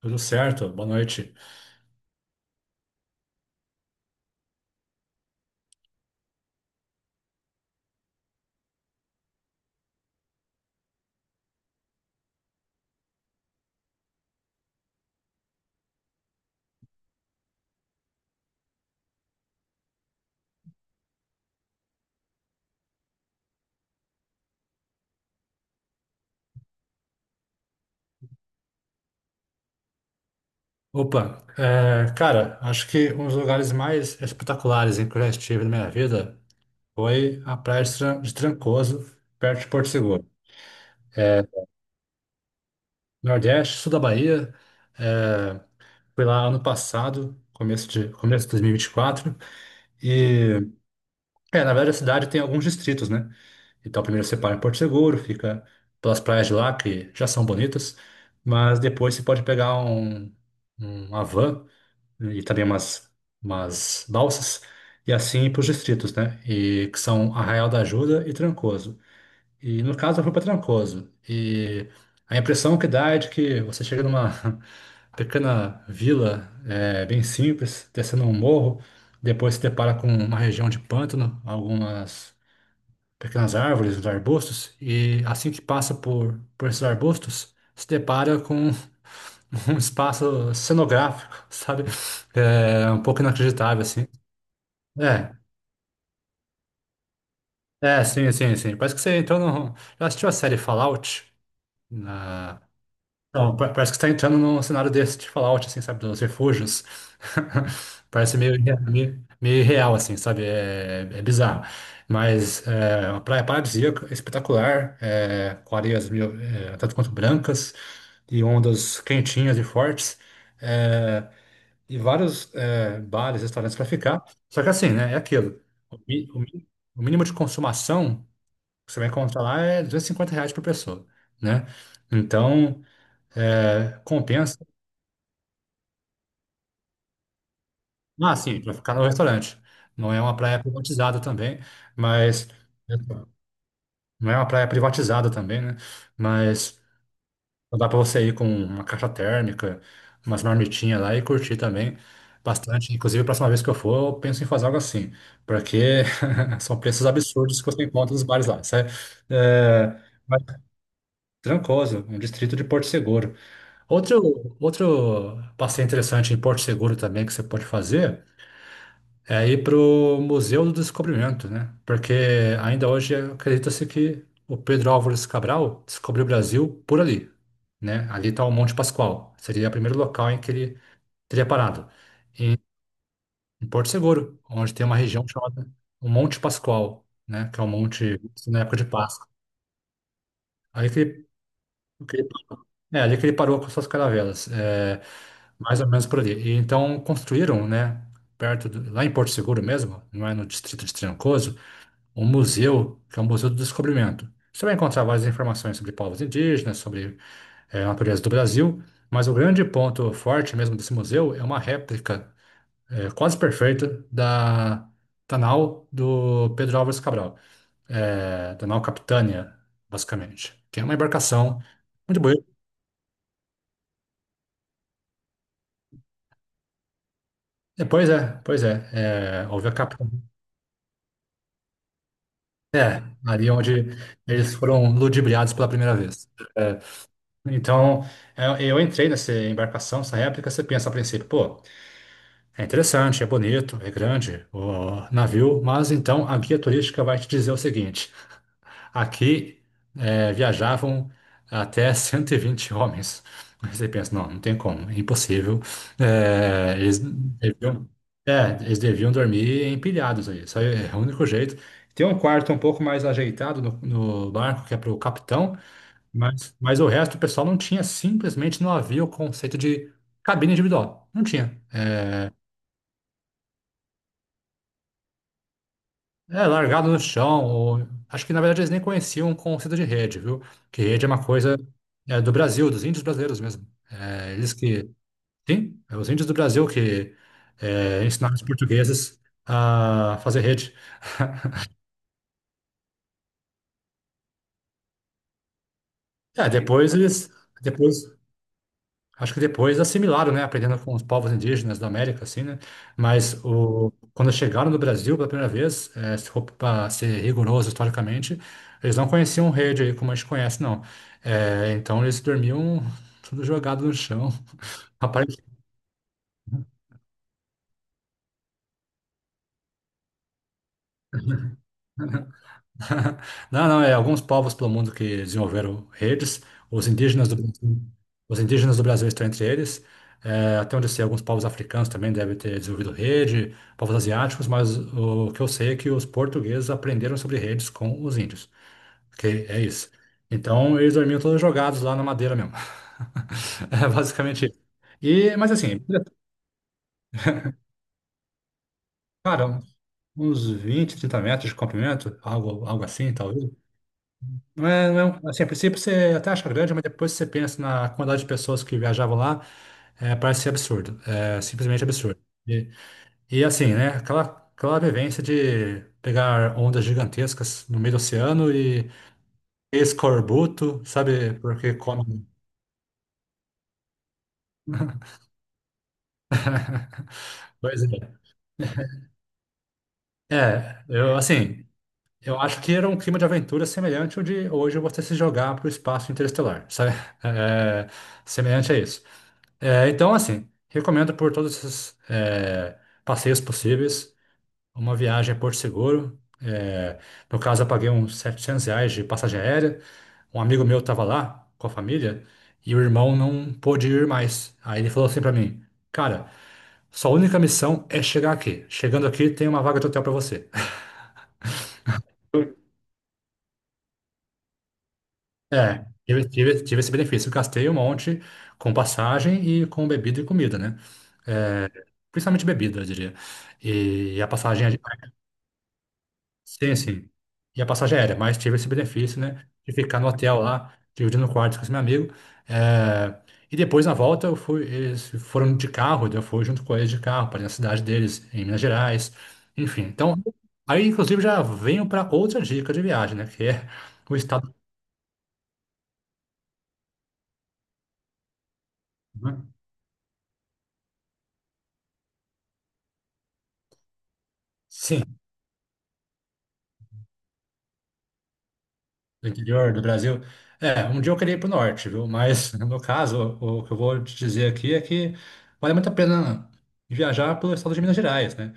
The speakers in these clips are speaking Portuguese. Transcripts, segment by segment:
Tudo certo, boa noite. Opa, cara, acho que um dos lugares mais espetaculares em que eu já estive na minha vida foi a Praia de Trancoso, perto de Porto Seguro. Nordeste, sul da Bahia. é, Fui lá ano passado, começo de 2024. E, vinte e quatro. E, na verdade, a cidade tem alguns distritos, né? Então, primeiro você para em Porto Seguro, fica pelas praias de lá, que já são bonitas, mas depois você pode pegar uma van, né? E também umas balsas, e assim para os distritos, né? E que são Arraial da Ajuda e Trancoso. E no caso eu fui para Trancoso. E a impressão que dá é de que você chega numa pequena vila, é bem simples, descendo um morro, depois se depara com uma região de pântano, algumas pequenas árvores, uns arbustos, e assim que passa por esses arbustos, se depara com um espaço cenográfico, sabe? É um pouco inacreditável, assim. É, é, sim, sim, sim. Parece que você entrou no. Já assistiu a série Fallout? Na... Não, pa- Parece que você tá entrando num cenário desse de Fallout, assim, sabe? Dos refúgios. Parece meio irreal, assim, sabe? É, é bizarro. Mas é uma praia paradisíaca, espetacular, é, com areias meio, é, tanto quanto brancas, e ondas quentinhas e fortes. É, e vários, é, bares, restaurantes para ficar. Só que assim, né? É aquilo. O, mi- o mi- o mínimo de consumação que você vai encontrar lá é R$ 250 reais por pessoa, né? Então, é, compensa. Ah, sim, para ficar no restaurante. Não é uma praia privatizada também, mas. é, Não é uma praia privatizada também, né? Mas então dá para você ir com uma caixa térmica, umas marmitinhas lá e curtir também bastante. Inclusive, a próxima vez que eu for, eu penso em fazer algo assim, porque são preços absurdos que você encontra nos bares lá, sabe? É, mas Trancoso é um distrito de Porto Seguro. Outro passeio interessante em Porto Seguro também que você pode fazer é ir para o Museu do Descobrimento, né? Porque ainda hoje acredita-se que o Pedro Álvares Cabral descobriu o Brasil por ali, né? Ali está o Monte Pascoal, seria o primeiro local em que ele teria parado. Em Porto Seguro, onde tem uma região chamada o Monte Pascoal, né? Que é um monte visto na época de Páscoa. Aí que ele- É, ali que ele parou com suas caravelas, é, mais ou menos por ali. E então construíram, né? Perto do, lá em Porto Seguro mesmo, não é no distrito de Trancoso, um museu, que é o Museu do Descobrimento. Você vai encontrar várias informações sobre povos indígenas, sobre a natureza do Brasil, mas o grande ponto forte mesmo desse museu é uma réplica, quase perfeita da nau do Pedro Álvares Cabral, da nau Capitânia, basicamente, que é uma embarcação muito bonita. É, pois é, pois é, é houve a capitania, é, ali onde eles foram ludibriados pela primeira vez. É, então, eu entrei nessa embarcação, nessa réplica. Você pensa a princípio: pô, é interessante, é bonito, é grande o navio. Mas então a guia turística vai te dizer o seguinte: aqui viajavam até 120 homens. Aí você pensa: não, não tem como, é impossível. Eh, eles deviam, é, eles deviam dormir empilhados aí, só é o único jeito. Tem um quarto um pouco mais ajeitado no barco, que é para o capitão, mas o resto do pessoal não tinha, simplesmente não havia o conceito de cabine individual. Não tinha. É largado no chão. Ou- Acho que na verdade eles nem conheciam o conceito de rede, viu? Que rede é uma coisa, é, do Brasil, dos índios brasileiros mesmo. É, eles que. Sim, é os índios do Brasil que, é, ensinaram os portugueses a fazer rede. É, depois eles. Depois. Acho que depois assimilaram, né? Aprendendo com os povos indígenas da América, assim, né? Mas o, quando chegaram no Brasil pela primeira vez, se for para ser rigoroso historicamente, eles não conheciam rede aí como a gente conhece, não. Então eles dormiam tudo jogado no chão. Não, não, é alguns povos pelo mundo que desenvolveram redes. Os indígenas do Brasil, os indígenas do Brasil estão entre eles. É, até onde eu sei, alguns povos africanos também devem ter desenvolvido rede, povos asiáticos, mas o que eu sei é que os portugueses aprenderam sobre redes com os índios. Ok? É isso. Então, eles dormiam todos jogados lá na madeira mesmo. É basicamente isso. E, mas assim, cara, uns 20, 30 metros de comprimento, algo, algo assim, talvez. Não é, não é um- assim, a princípio você até acha grande, mas depois você pensa na quantidade de pessoas que viajavam lá, é, parece ser absurdo. É simplesmente absurdo. E, e assim, né? Aquela vivência de pegar ondas gigantescas no meio do oceano e escorbuto, sabe? Porque come. Pois é. É, eu assim, eu acho que era um clima de aventura semelhante ao de hoje você se jogar para o espaço interestelar, sabe? É, semelhante a isso. É, então, assim, recomendo por todos esses, é, passeios possíveis, uma viagem a Porto Seguro. É, no caso, eu paguei uns R$ 700 de passagem aérea. Um amigo meu estava lá com a família e o irmão não pôde ir mais. Aí ele falou assim para mim: cara, sua única missão é chegar aqui. Chegando aqui, tem uma vaga de hotel para você. É, tive esse benefício. Eu gastei um monte com passagem e com bebida e comida, né? É, principalmente bebida, eu diria. E, a passagem. Sim, sim. E a passagem é aérea, mas tive esse benefício, né? De ficar no hotel lá, dividindo quartos com esse meu amigo. É, e depois, na volta, eu fui, eles foram de carro, daí eu fui junto com eles de carro para a cidade deles, em Minas Gerais. Enfim, então. Aí, inclusive, já venho para outra dica de viagem, né? Que é o estado, né? Sim, do interior do Brasil. É, um dia eu queria ir para o norte, viu? Mas no meu caso, o que eu vou te dizer aqui é que vale muito a pena viajar pelo estado de Minas Gerais, né?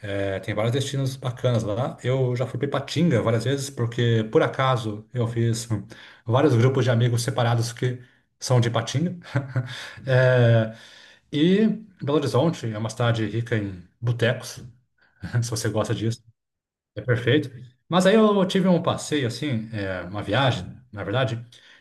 É, tem vários destinos bacanas lá. Eu já fui para Ipatinga várias vezes, porque por acaso eu fiz vários grupos de amigos separados que são de Ipatinga. É, e Belo Horizonte é uma cidade rica em botecos, se você gosta disso. É perfeito. Mas aí eu tive um passeio, assim, é, uma viagem, na verdade,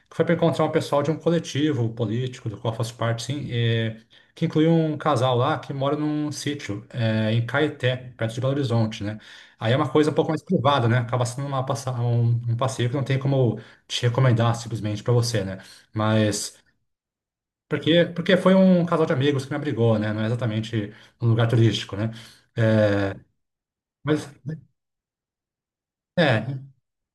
que foi para encontrar um pessoal de um coletivo político do qual eu faço parte, sim, que incluiu um casal lá que mora num sítio, é, em Caeté, perto de Belo Horizonte, né? Aí é uma coisa um pouco mais privada, né? Acaba sendo uma, um passeio que não tem como te recomendar simplesmente para você, né? Mas porque, porque foi um casal de amigos que me abrigou, né? Não é exatamente um lugar turístico, né? Mas. É,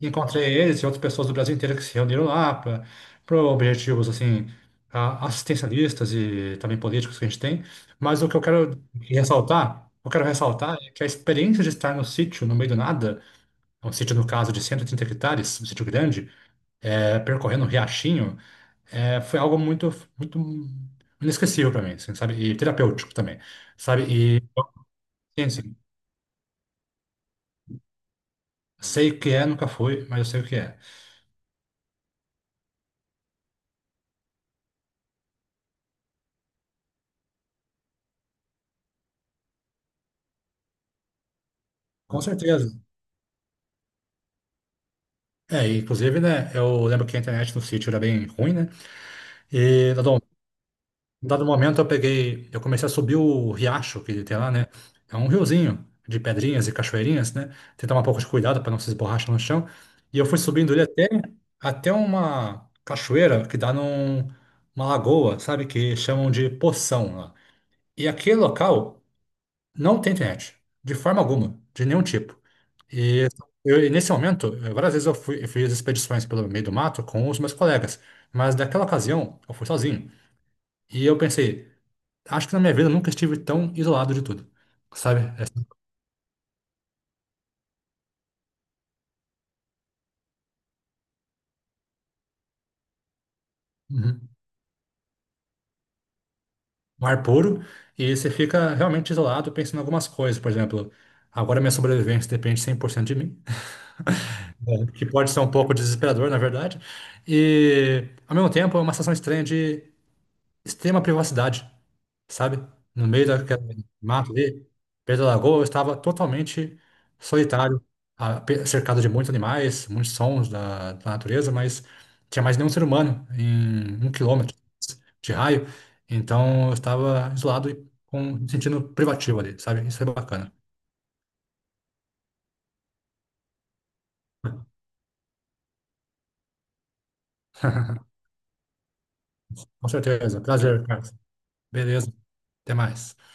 encontrei eles e outras pessoas do Brasil inteiro que se reuniram lá para objetivos assim assistencialistas e também políticos que a gente tem. Mas o que eu quero ressaltar é que a experiência de estar no sítio, no meio do nada, um sítio no caso de 130 hectares, um sítio grande, é, percorrendo um riachinho, é, foi algo muito muito inesquecível para mim, assim, sabe? E terapêutico também, sabe? E sim, sim, sei o que é, nunca fui, mas eu sei o que é. Com certeza. É, e, inclusive, né, eu lembro que a internet no sítio era bem ruim, né? E, dado momento, eu peguei, eu comecei a subir o riacho que tem lá, né? É um riozinho de pedrinhas e cachoeirinhas, né? Tem que tomar um pouco de cuidado para não se esborrachar no chão. E eu fui subindo ele até, até uma cachoeira que dá numa lagoa, sabe? Que chamam de Poção lá. E aquele local. Não tem internet, de forma alguma, de nenhum tipo. E e nesse momento, várias vezes eu fui, eu fiz expedições pelo meio do mato com os meus colegas, mas naquela ocasião eu fui sozinho. E eu pensei, acho que na minha vida eu nunca estive tão isolado de tudo, sabe? É, assim, uhum, um ar puro, e você fica realmente isolado pensando em algumas coisas, por exemplo, agora minha sobrevivência depende 100% de mim, né, que pode ser um pouco desesperador, na verdade, e ao mesmo tempo é uma sensação estranha, extrema privacidade, sabe? No meio daquele mato ali, perto da lagoa, eu estava totalmente solitário, cercado de muitos animais, muitos sons da natureza, mas tinha mais nenhum ser humano em um quilômetro de raio, então eu estava isolado e com, me sentindo privativo ali, sabe? Isso é bacana. Com certeza. Prazer, Carlos. Beleza. Até mais.